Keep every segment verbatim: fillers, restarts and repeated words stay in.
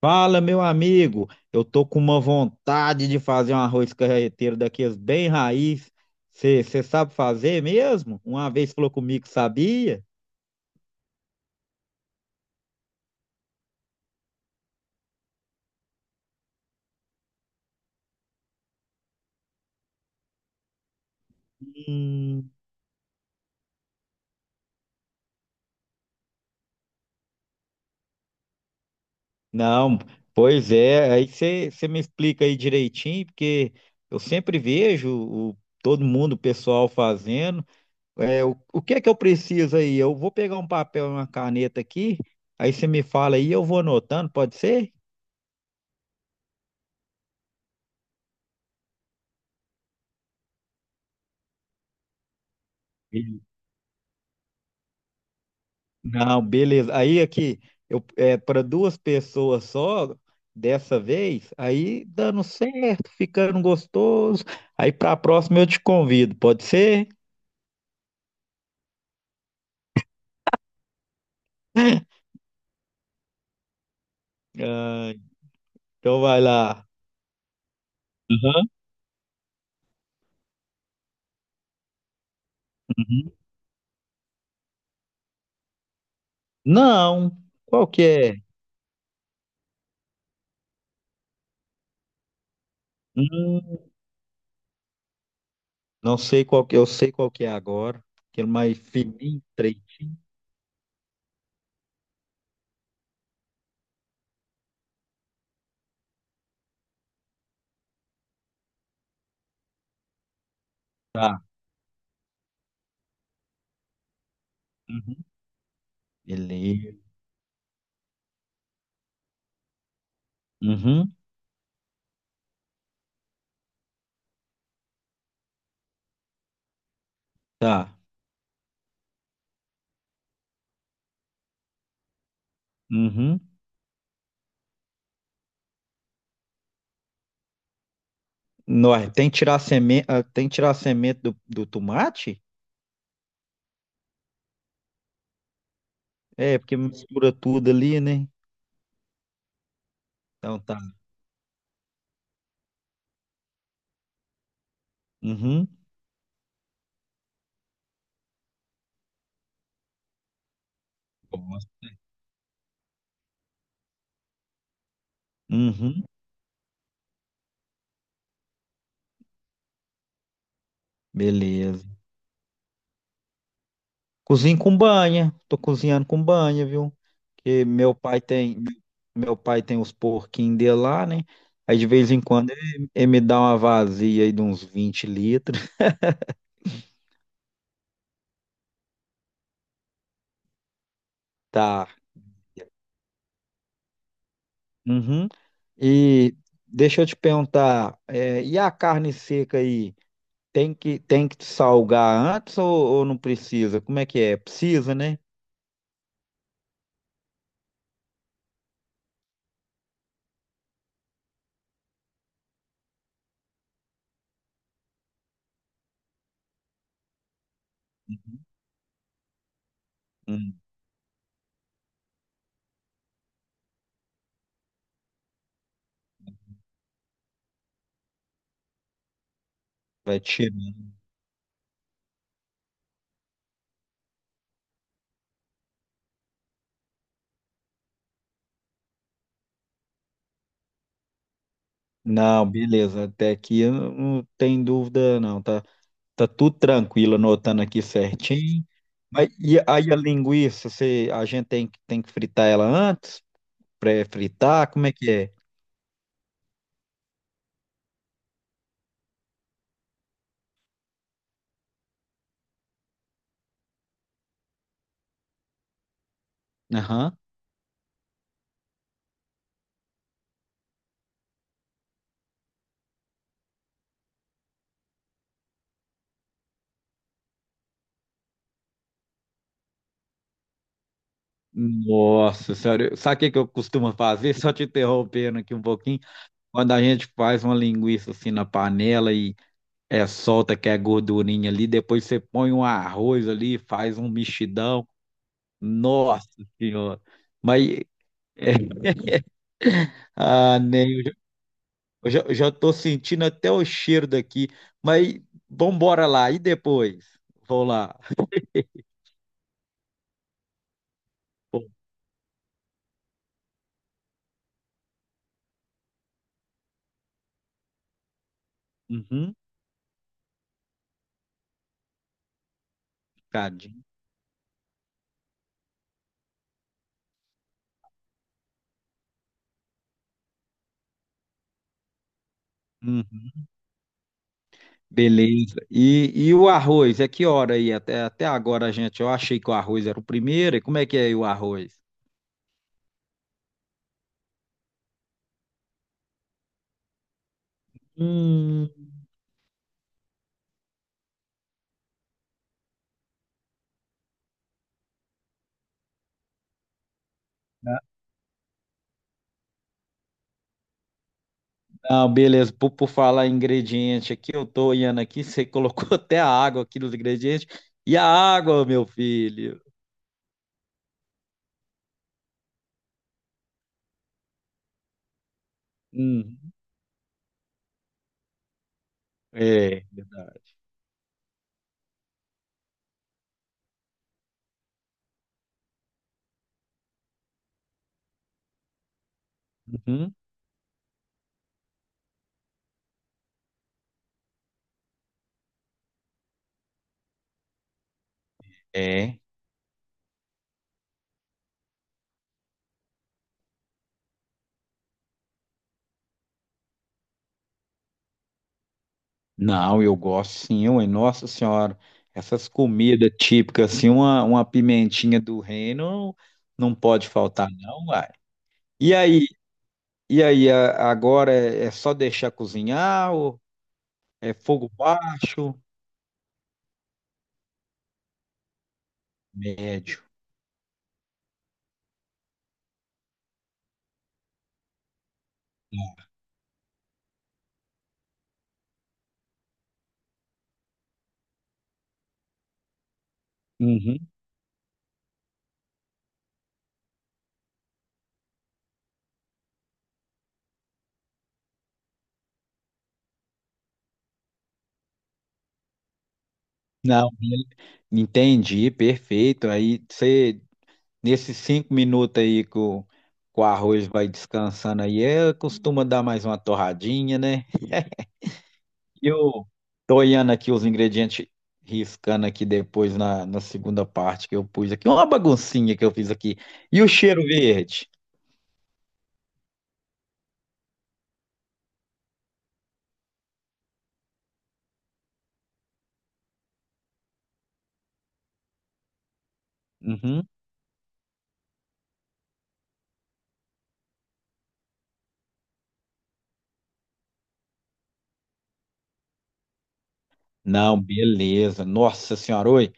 Fala, meu amigo. Eu tô com uma vontade de fazer um arroz carreteiro daqueles bem raiz. Você sabe fazer mesmo? Uma vez falou comigo, que sabia? Hum, não, pois é. Aí você me explica aí direitinho, porque eu sempre vejo o- todo mundo, o pessoal fazendo. É, o, o que é que eu preciso aí? Eu vou pegar um papel e uma caneta aqui, aí você me fala aí, eu vou anotando, pode ser? Não, beleza. Aí aqui, eu é, para duas pessoas só, dessa vez, aí dando certo, ficando gostoso. Aí para a próxima eu te convido, pode ser? Ah, então vai lá. Aham, uhum. Não, qual que é? Hum, não sei qual que, eu sei qual que é agora. Aquele mais fininho, três. Tá. Uhum. Beleza. Uhum. Tá. Uhum. Nó, tem que tirar a semente, tem que tirar a semente do, do tomate? É, porque mistura tudo ali, né? Então tá. Uhum. Gosto. Uhum. Beleza. Cozinho com banha. Tô cozinhando com banha, viu? Porque meu pai tem, meu pai tem os porquinhos dele lá, né? Aí de vez em quando ele, ele me dá uma vazia aí de uns vinte litros. Tá. Uhum. E deixa eu te perguntar, é, e a carne seca aí? Tem que, tem que salgar antes ou, ou não precisa? Como é que é? Precisa, né? Hum, Vai tirar. Não, beleza. Até aqui eu não tem dúvida, não. Tá, tá tudo tranquilo, anotando aqui certinho. Mas e aí a linguiça, você, a gente tem, que- tem que fritar ela antes? Pré-fritar? Como é que é? Aham. Nossa senhora, sabe o que que eu costumo fazer? Só te interrompendo aqui um pouquinho. Quando a gente faz uma linguiça assim na panela e é, solta que é gordurinha ali, depois você põe um arroz ali, faz um mexidão. Nossa senhora. Mas. Ah, nem, eu já, eu já eu já tô sentindo até o cheiro daqui, mas vambora lá, e depois? Vou lá. Pô. Uhum, cadinho. Uhum, beleza. E, e o arroz, é que hora aí? Até, até agora, gente, eu achei que o arroz era o primeiro, e como é que é aí o arroz? Hum, não, beleza, por, por falar em ingrediente aqui, eu tô olhando aqui, você colocou até a água aqui nos ingredientes, e a água, meu filho? Hum, é, verdade. Uhum, é. Não, eu gosto sim, ué. Nossa Senhora, essas comidas típicas, assim, uma, uma pimentinha do reino não pode faltar, não, uai. E aí, e aí, a- agora é, é só deixar cozinhar ou é fogo baixo, médio? Né? Uhum. Não, entendi, perfeito. Aí você, nesses cinco minutos aí que o, que o arroz vai descansando aí, é, costuma dar mais uma torradinha, né? E eu tô olhando aqui os ingredientes, riscando aqui depois na, na segunda parte que eu pus aqui. Uma baguncinha que eu fiz aqui. E o cheiro verde? Uhum. Não, beleza. Nossa senhora, oi.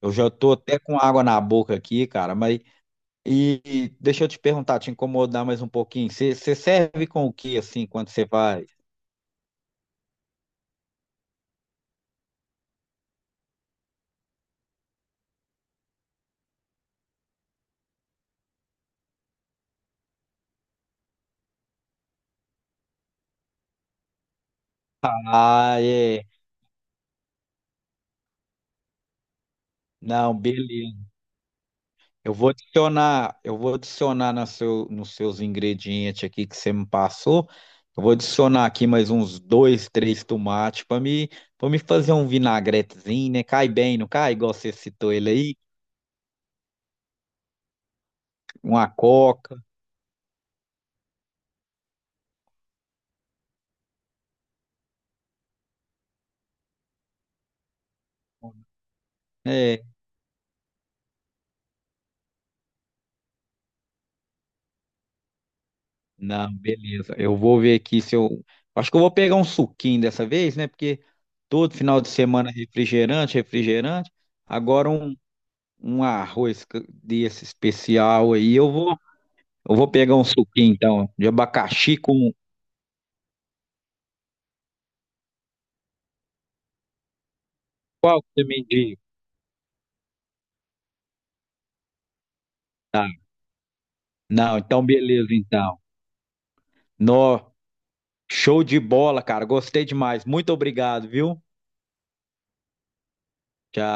Eu já tô até com água na boca aqui, cara, mas. E, e deixa eu te perguntar, te incomodar mais um pouquinho. Você serve com o que assim quando você vai? Ah, é. Não, beleza. Eu vou adicionar, eu vou adicionar na seu- nos seus ingredientes aqui que você me passou. Eu vou adicionar aqui mais uns dois, três tomates para me, para me fazer um vinagretezinho, né? Cai bem, não cai? Igual você citou ele aí, uma coca. É, não, beleza. Eu vou ver aqui se eu. Acho que eu vou pegar um suquinho dessa vez, né? Porque todo final de semana é refrigerante, refrigerante. Agora um, um arroz ca- desse especial aí, eu vou. Eu vou pegar um suquinho, então, de abacaxi com. Qual que você me diz? Tá. Não, então beleza, então. Nó, show de bola, cara. Gostei demais. Muito obrigado, viu? Tchau.